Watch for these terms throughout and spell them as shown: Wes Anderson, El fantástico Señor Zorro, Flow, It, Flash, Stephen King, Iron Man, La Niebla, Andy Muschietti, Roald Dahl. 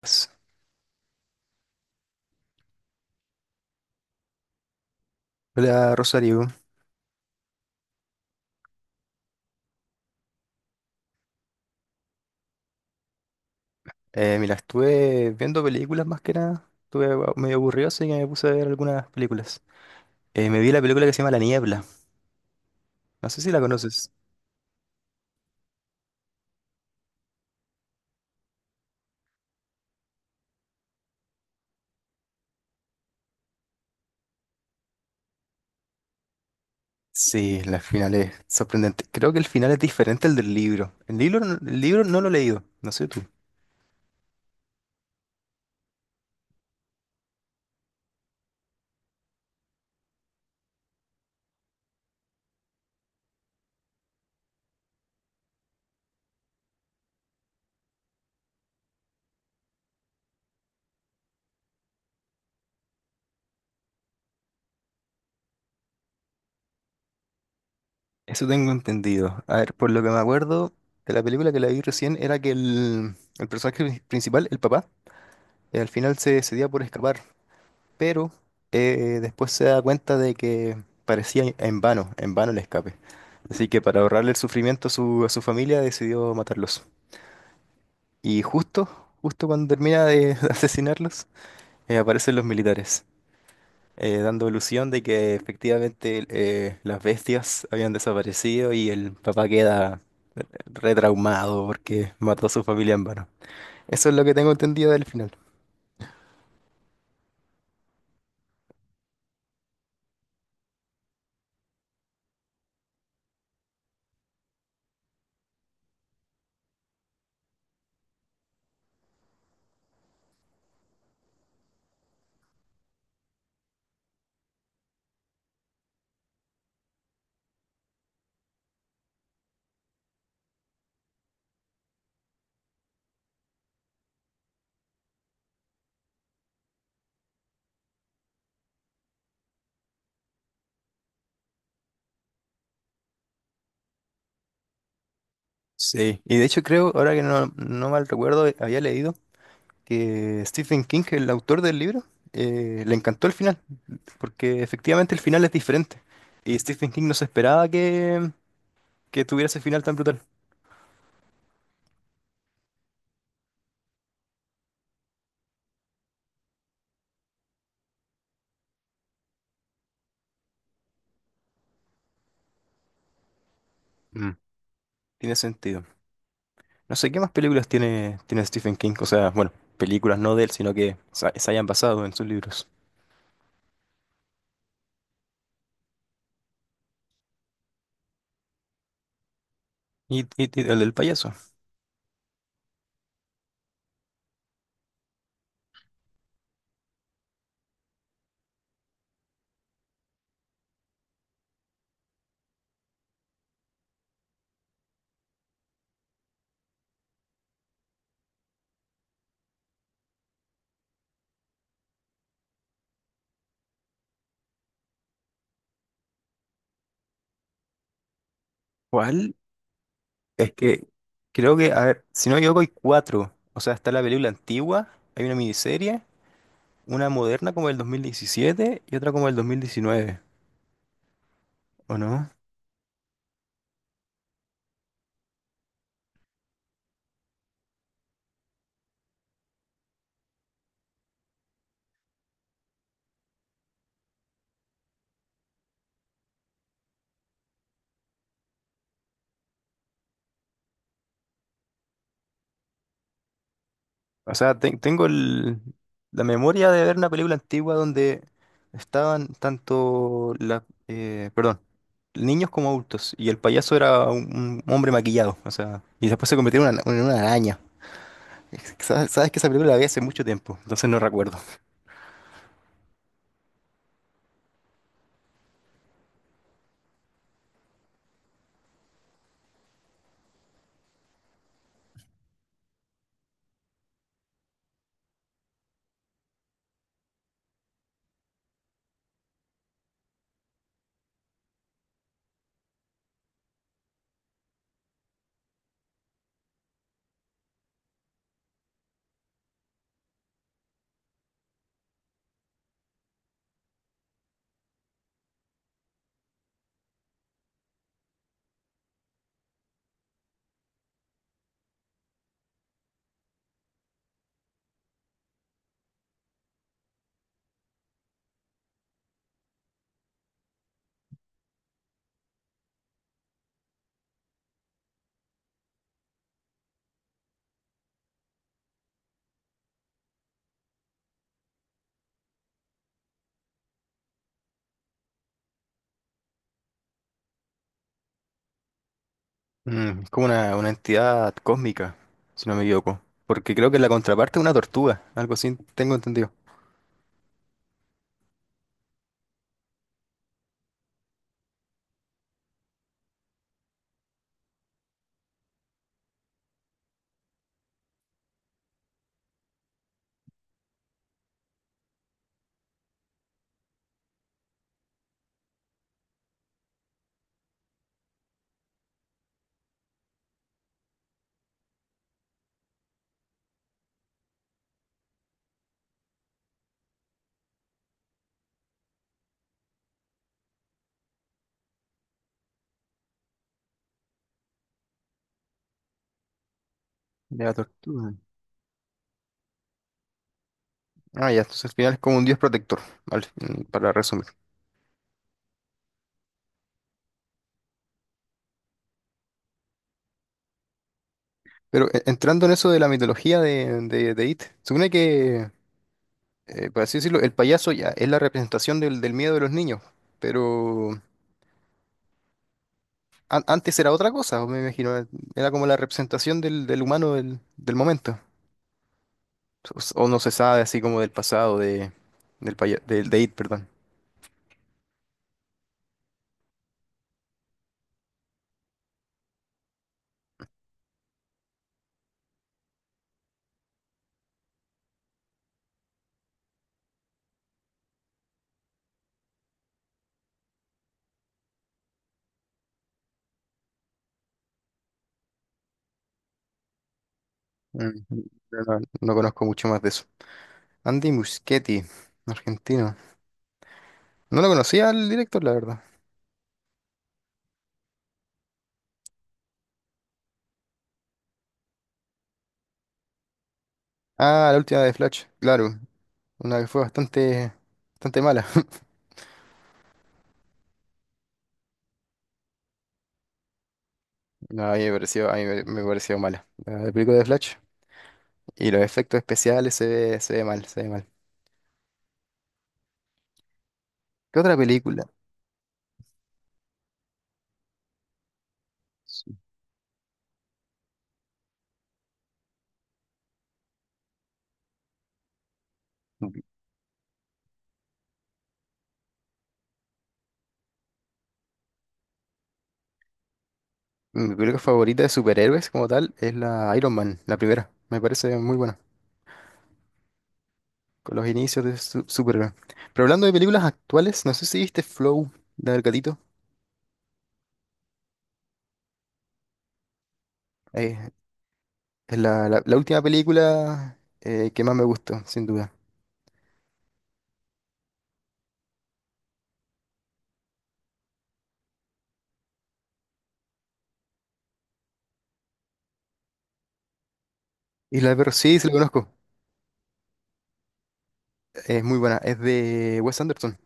Pues, hola Rosario. Mira, estuve viendo películas más que nada, estuve medio aburrido, así que me puse a ver algunas películas. Me vi la película que se llama La Niebla, no sé si la conoces. Sí, la final es sorprendente. Creo que el final es diferente al del libro. El libro, el libro no lo he leído, no sé tú. Eso tengo entendido. A ver, por lo que me acuerdo de la película que la vi recién era que el personaje principal, el papá, al final se decidía por escapar, pero después se da cuenta de que parecía en vano el escape. Así que para ahorrarle el sufrimiento a a su familia decidió matarlos. Y justo, justo cuando termina de asesinarlos, aparecen los militares, dando ilusión de que efectivamente las bestias habían desaparecido y el papá queda retraumado porque mató a su familia en vano. Eso es lo que tengo entendido del final. Sí, y de hecho creo, ahora que no mal recuerdo, había leído que Stephen King, el autor del libro, le encantó el final, porque efectivamente el final es diferente. Y Stephen King no se esperaba que tuviera ese final tan brutal. Mm. Tiene sentido. No sé qué más películas tiene Stephen King, o sea, bueno, películas no de él, sino que se hayan basado en sus libros. Y, y el del payaso. ¿Cuál? Es que creo que, a ver, si no me equivoco, hay cuatro. O sea, está la película antigua, hay una miniserie, una moderna como del 2017 y otra como del 2019, ¿o no? O sea, tengo la memoria de ver una película antigua donde estaban tanto la, perdón, niños como adultos y el payaso era un hombre maquillado, o sea, y después se convirtió en una araña. Sabes que esa película la vi hace mucho tiempo, entonces no recuerdo. Mm, es como una entidad cósmica, si no me equivoco, porque creo que la contraparte es una tortuga, algo así tengo entendido. De la tortuga. Ah, ya, entonces al final es como un dios protector, para resumir. Pero entrando en eso de la mitología de It, supone que, por así decirlo, el payaso ya es la representación del miedo de los niños, pero antes era otra cosa, me imagino, era como la representación del humano del momento, o, o no se sabe así como del pasado de, de It, perdón. Mm, no, no conozco mucho más de eso. Andy Muschietti, argentino. No lo conocía el director, la verdad. Ah, la última de Flash, claro, una que fue bastante, bastante mala. No, a mí me pareció, a mí me pareció mala. La la película de Flash y los efectos especiales se ve mal, se ve mal. ¿Qué otra película? Sí. Mi mi película favorita de superhéroes como tal es la Iron Man, la primera. Me parece muy buena, con los inicios de superhéroe. Pero hablando de películas actuales, no sé si viste Flow, la del gatito. Eh, es la, la última película que más me gustó, sin duda. Y la pero sí, sí la conozco. Es muy buena. Es de Wes Anderson.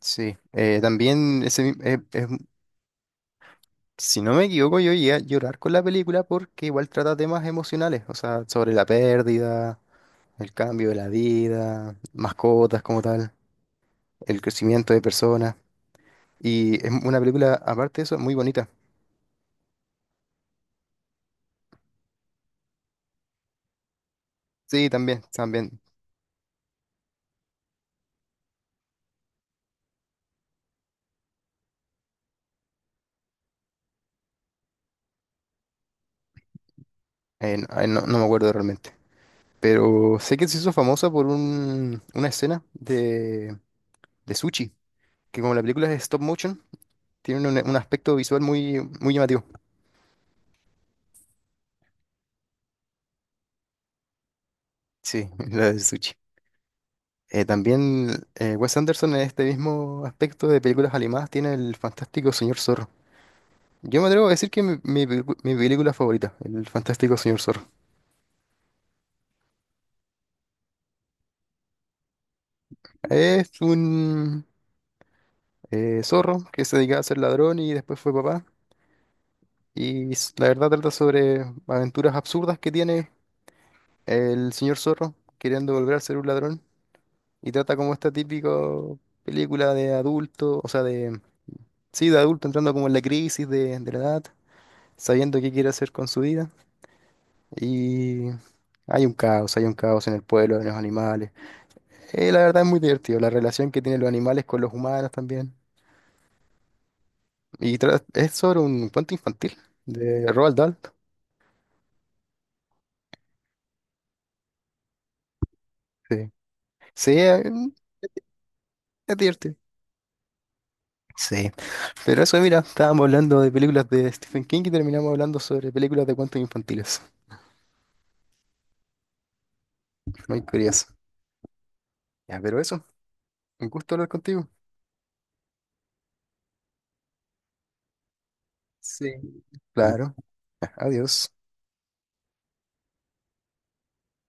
Sí. También ese, es, si no me equivoco, yo llegué a llorar con la película porque igual trata temas emocionales, o sea, sobre la pérdida, el cambio de la vida, mascotas como tal, el crecimiento de personas. Y es una película, aparte de eso, muy bonita. Sí, también, también. No, no me acuerdo realmente. Pero sé que se hizo famosa por una escena de sushi, que como la película es stop motion, tiene un aspecto visual muy, muy llamativo. Sí, la de sushi. También, Wes Anderson, en este mismo aspecto de películas animadas, tiene el fantástico Señor Zorro. Yo me atrevo a decir que mi, mi película favorita, el fantástico Señor Zorro. Es un zorro que se dedicaba a ser ladrón y después fue papá. Y la verdad trata sobre aventuras absurdas que tiene el señor Zorro queriendo volver a ser un ladrón. Y trata como esta típica película de adulto, o sea, de... Sí, de adulto entrando como en la crisis de la edad, sabiendo qué quiere hacer con su vida. Y hay un caos en el pueblo, de los animales. La verdad es muy divertido, la relación que tienen los animales con los humanos también. Y es sobre un cuento infantil de Roald Dahl. Sí, sí, es divertido. Sí, pero eso, mira, estábamos hablando de películas de Stephen King y terminamos hablando sobre películas de cuentos infantiles. Muy curioso. Ya, pero eso, un gusto hablar contigo. Sí. Claro, ya, adiós.